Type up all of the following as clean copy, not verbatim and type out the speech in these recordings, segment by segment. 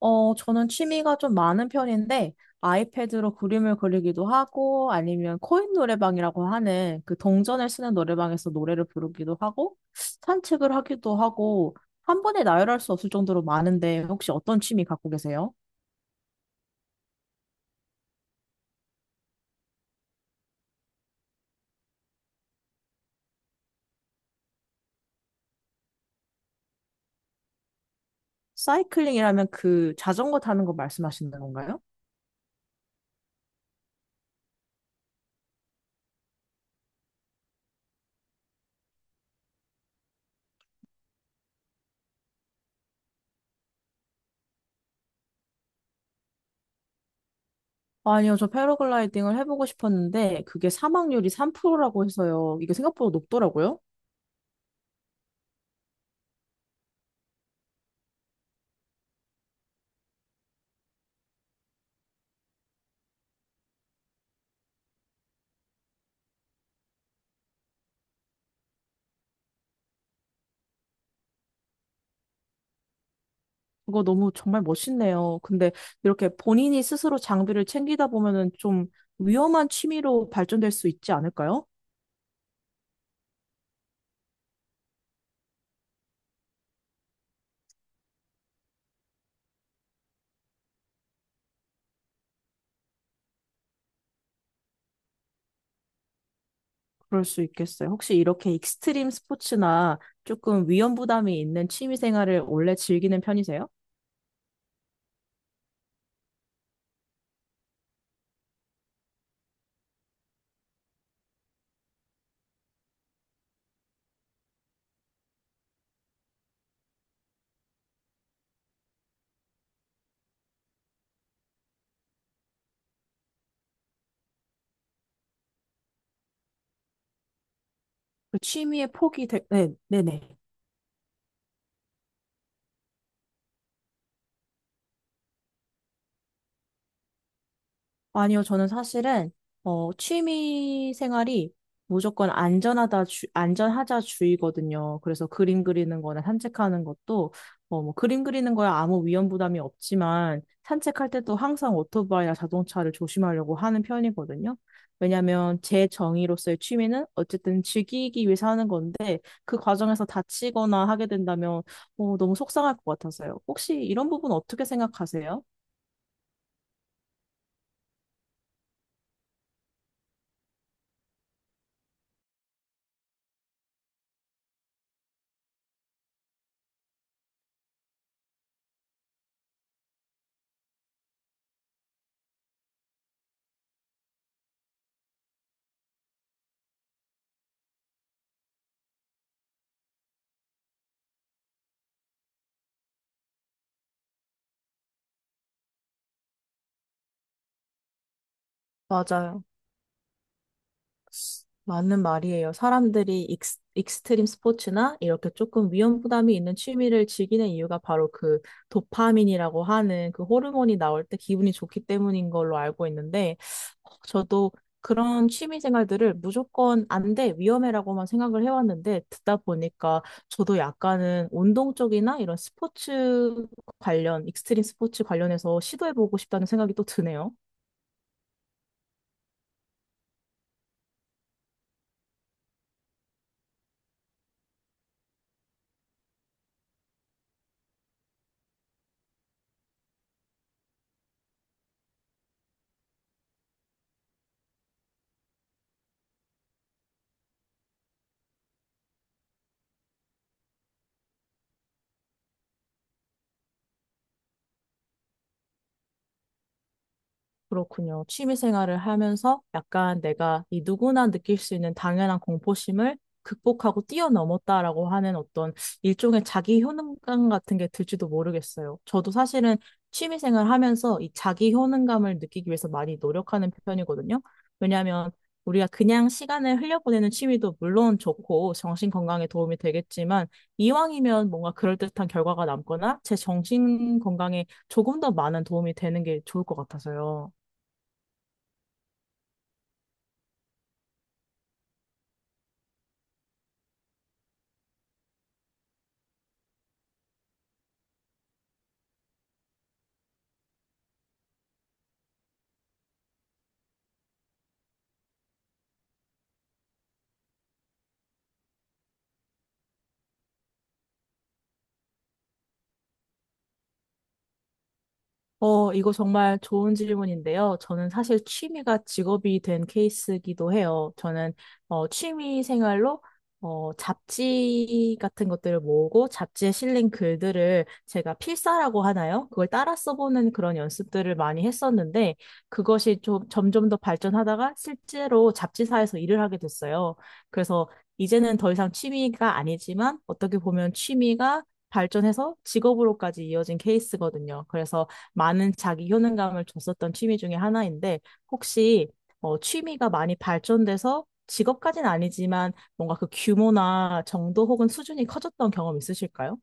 저는 취미가 좀 많은 편인데, 아이패드로 그림을 그리기도 하고, 아니면 코인 노래방이라고 하는 그 동전을 쓰는 노래방에서 노래를 부르기도 하고, 산책을 하기도 하고, 한 번에 나열할 수 없을 정도로 많은데, 혹시 어떤 취미 갖고 계세요? 사이클링이라면 그 자전거 타는 거 말씀하시는 건가요? 아니요, 저 패러글라이딩을 해보고 싶었는데, 그게 사망률이 3%라고 해서요. 이게 생각보다 높더라고요. 그거 너무 정말 멋있네요. 근데 이렇게 본인이 스스로 장비를 챙기다 보면은 좀 위험한 취미로 발전될 수 있지 않을까요? 그럴 수 있겠어요. 혹시 이렇게 익스트림 스포츠나 조금 위험 부담이 있는 취미 생활을 원래 즐기는 편이세요? 그 취미의 폭이 네, 네네. 아니요, 저는 사실은, 취미 생활이 무조건 안전하다, 안전하자 주의거든요. 그래서 그림 그리는 거나 산책하는 것도, 그림 그리는 거야 아무 위험 부담이 없지만, 산책할 때도 항상 오토바이나 자동차를 조심하려고 하는 편이거든요. 왜냐면 하제 정의로서의 취미는 어쨌든 즐기기 위해서 하는 건데, 그 과정에서 다치거나 하게 된다면, 너무 속상할 것 같아서요. 혹시 이런 부분 어떻게 생각하세요? 맞아요. 맞는 말이에요. 사람들이 익스트림 스포츠나 이렇게 조금 위험 부담이 있는 취미를 즐기는 이유가 바로 그 도파민이라고 하는 그 호르몬이 나올 때 기분이 좋기 때문인 걸로 알고 있는데, 저도 그런 취미 생활들을 무조건 안 돼, 위험해라고만 생각을 해왔는데, 듣다 보니까 저도 약간은 운동 쪽이나 이런 스포츠 관련, 익스트림 스포츠 관련해서 시도해보고 싶다는 생각이 또 드네요. 그렇군요. 취미 생활을 하면서 약간 내가 이 누구나 느낄 수 있는 당연한 공포심을 극복하고 뛰어넘었다라고 하는 어떤 일종의 자기 효능감 같은 게 들지도 모르겠어요. 저도 사실은 취미 생활 하면서 이 자기 효능감을 느끼기 위해서 많이 노력하는 편이거든요. 왜냐하면 우리가 그냥 시간을 흘려보내는 취미도 물론 좋고 정신 건강에 도움이 되겠지만 이왕이면 뭔가 그럴듯한 결과가 남거나 제 정신 건강에 조금 더 많은 도움이 되는 게 좋을 것 같아서요. 이거 정말 좋은 질문인데요. 저는 사실 취미가 직업이 된 케이스이기도 해요. 저는 취미 생활로 잡지 같은 것들을 모으고 잡지에 실린 글들을 제가 필사라고 하나요? 그걸 따라 써보는 그런 연습들을 많이 했었는데 그것이 좀 점점 더 발전하다가 실제로 잡지사에서 일을 하게 됐어요. 그래서 이제는 더 이상 취미가 아니지만 어떻게 보면 취미가 발전해서 직업으로까지 이어진 케이스거든요. 그래서 많은 자기 효능감을 줬었던 취미 중에 하나인데 혹시 취미가 많이 발전돼서 직업까지는 아니지만 뭔가 그 규모나 정도 혹은 수준이 커졌던 경험 있으실까요?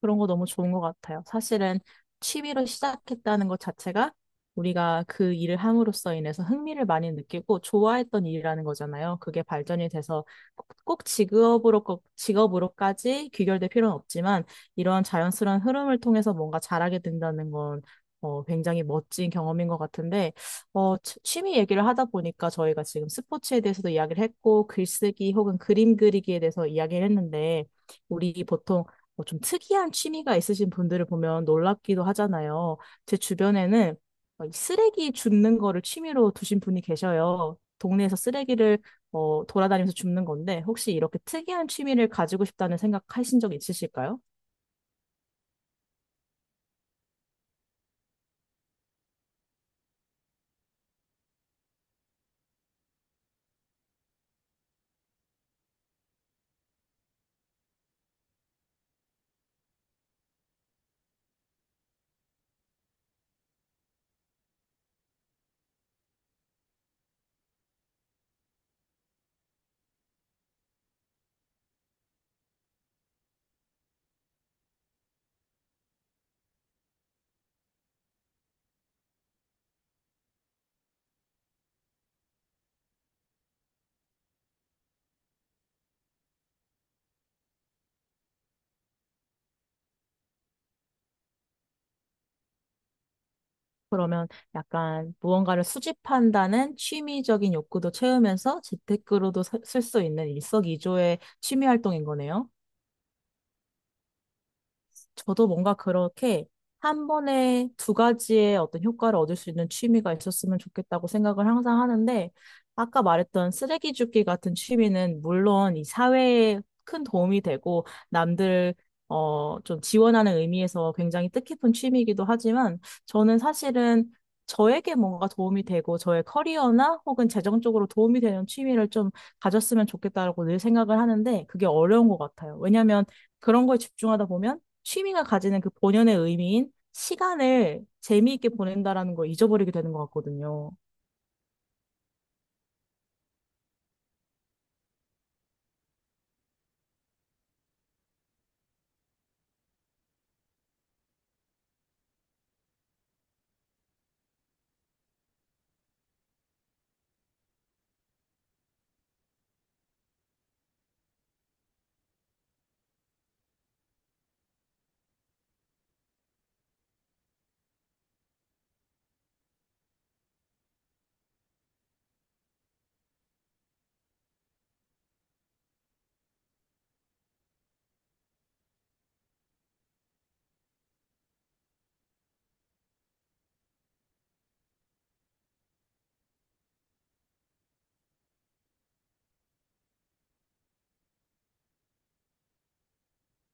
그런 거 너무 좋은 것 같아요. 사실은 취미로 시작했다는 것 자체가 우리가 그 일을 함으로써 인해서 흥미를 많이 느끼고 좋아했던 일이라는 거잖아요. 그게 발전이 돼서 꼭 직업으로까지 귀결될 필요는 없지만 이러한 자연스러운 흐름을 통해서 뭔가 잘하게 된다는 건 굉장히 멋진 경험인 것 같은데, 취미 얘기를 하다 보니까 저희가 지금 스포츠에 대해서도 이야기를 했고, 글쓰기 혹은 그림 그리기에 대해서 이야기를 했는데, 우리 보통 뭐 좀 특이한 취미가 있으신 분들을 보면 놀랍기도 하잖아요. 제 주변에는 이 쓰레기 줍는 거를 취미로 두신 분이 계셔요. 동네에서 쓰레기를 돌아다니면서 줍는 건데 혹시 이렇게 특이한 취미를 가지고 싶다는 생각하신 적 있으실까요? 그러면 약간 무언가를 수집한다는 취미적인 욕구도 채우면서 재테크로도 쓸 수 있는 일석이조의 취미 활동인 거네요. 저도 뭔가 그렇게 한 번에 두 가지의 어떤 효과를 얻을 수 있는 취미가 있었으면 좋겠다고 생각을 항상 하는데, 아까 말했던 쓰레기 줍기 같은 취미는 물론 이 사회에 큰 도움이 되고, 좀 지원하는 의미에서 굉장히 뜻깊은 취미이기도 하지만, 저는 사실은 저에게 뭔가 도움이 되고, 저의 커리어나 혹은 재정적으로 도움이 되는 취미를 좀 가졌으면 좋겠다라고 늘 생각을 하는데, 그게 어려운 것 같아요. 왜냐면, 하 그런 거에 집중하다 보면 취미가 가지는 그 본연의 의미인 시간을 재미있게 보낸다라는 걸 잊어버리게 되는 것 같거든요.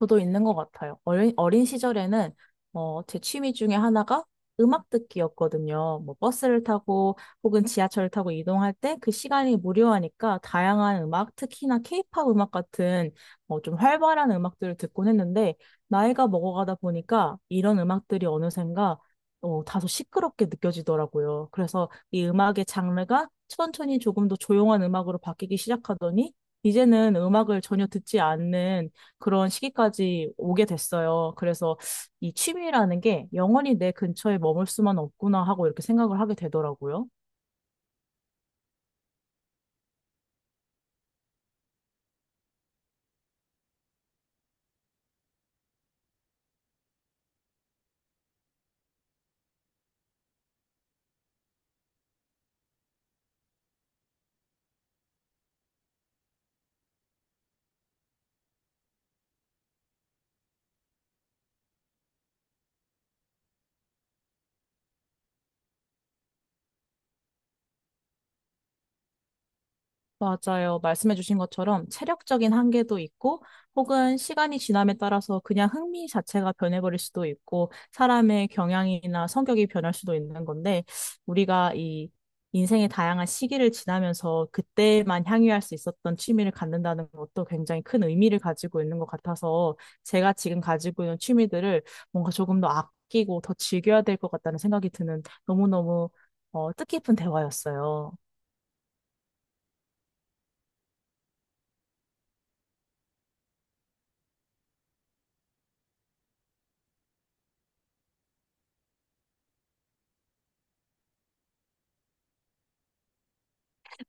저도 있는 것 같아요. 어린 시절에는 제 취미 중에 하나가 음악 듣기였거든요. 뭐 버스를 타고 혹은 지하철을 타고 이동할 때 그 시간이 무료하니까 다양한 음악, 특히나 케이팝 음악 같은 좀 활발한 음악들을 듣곤 했는데 나이가 먹어가다 보니까 이런 음악들이 어느샌가 다소 시끄럽게 느껴지더라고요. 그래서 이 음악의 장르가 천천히 조금 더 조용한 음악으로 바뀌기 시작하더니 이제는 음악을 전혀 듣지 않는 그런 시기까지 오게 됐어요. 그래서 이 취미라는 게 영원히 내 근처에 머물 수만 없구나 하고 이렇게 생각을 하게 되더라고요. 맞아요. 말씀해주신 것처럼 체력적인 한계도 있고, 혹은 시간이 지남에 따라서 그냥 흥미 자체가 변해버릴 수도 있고, 사람의 경향이나 성격이 변할 수도 있는 건데, 우리가 이 인생의 다양한 시기를 지나면서 그때만 향유할 수 있었던 취미를 갖는다는 것도 굉장히 큰 의미를 가지고 있는 것 같아서, 제가 지금 가지고 있는 취미들을 뭔가 조금 더 아끼고 더 즐겨야 될 것 같다는 생각이 드는 너무너무 뜻깊은 대화였어요.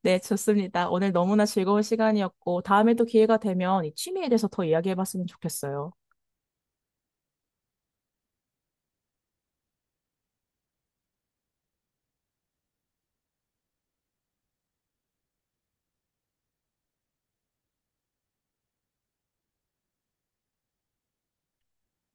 네, 좋습니다. 오늘 너무나 즐거운 시간이었고, 다음에 또 기회가 되면 이 취미에 대해서 더 이야기해봤으면 좋겠어요.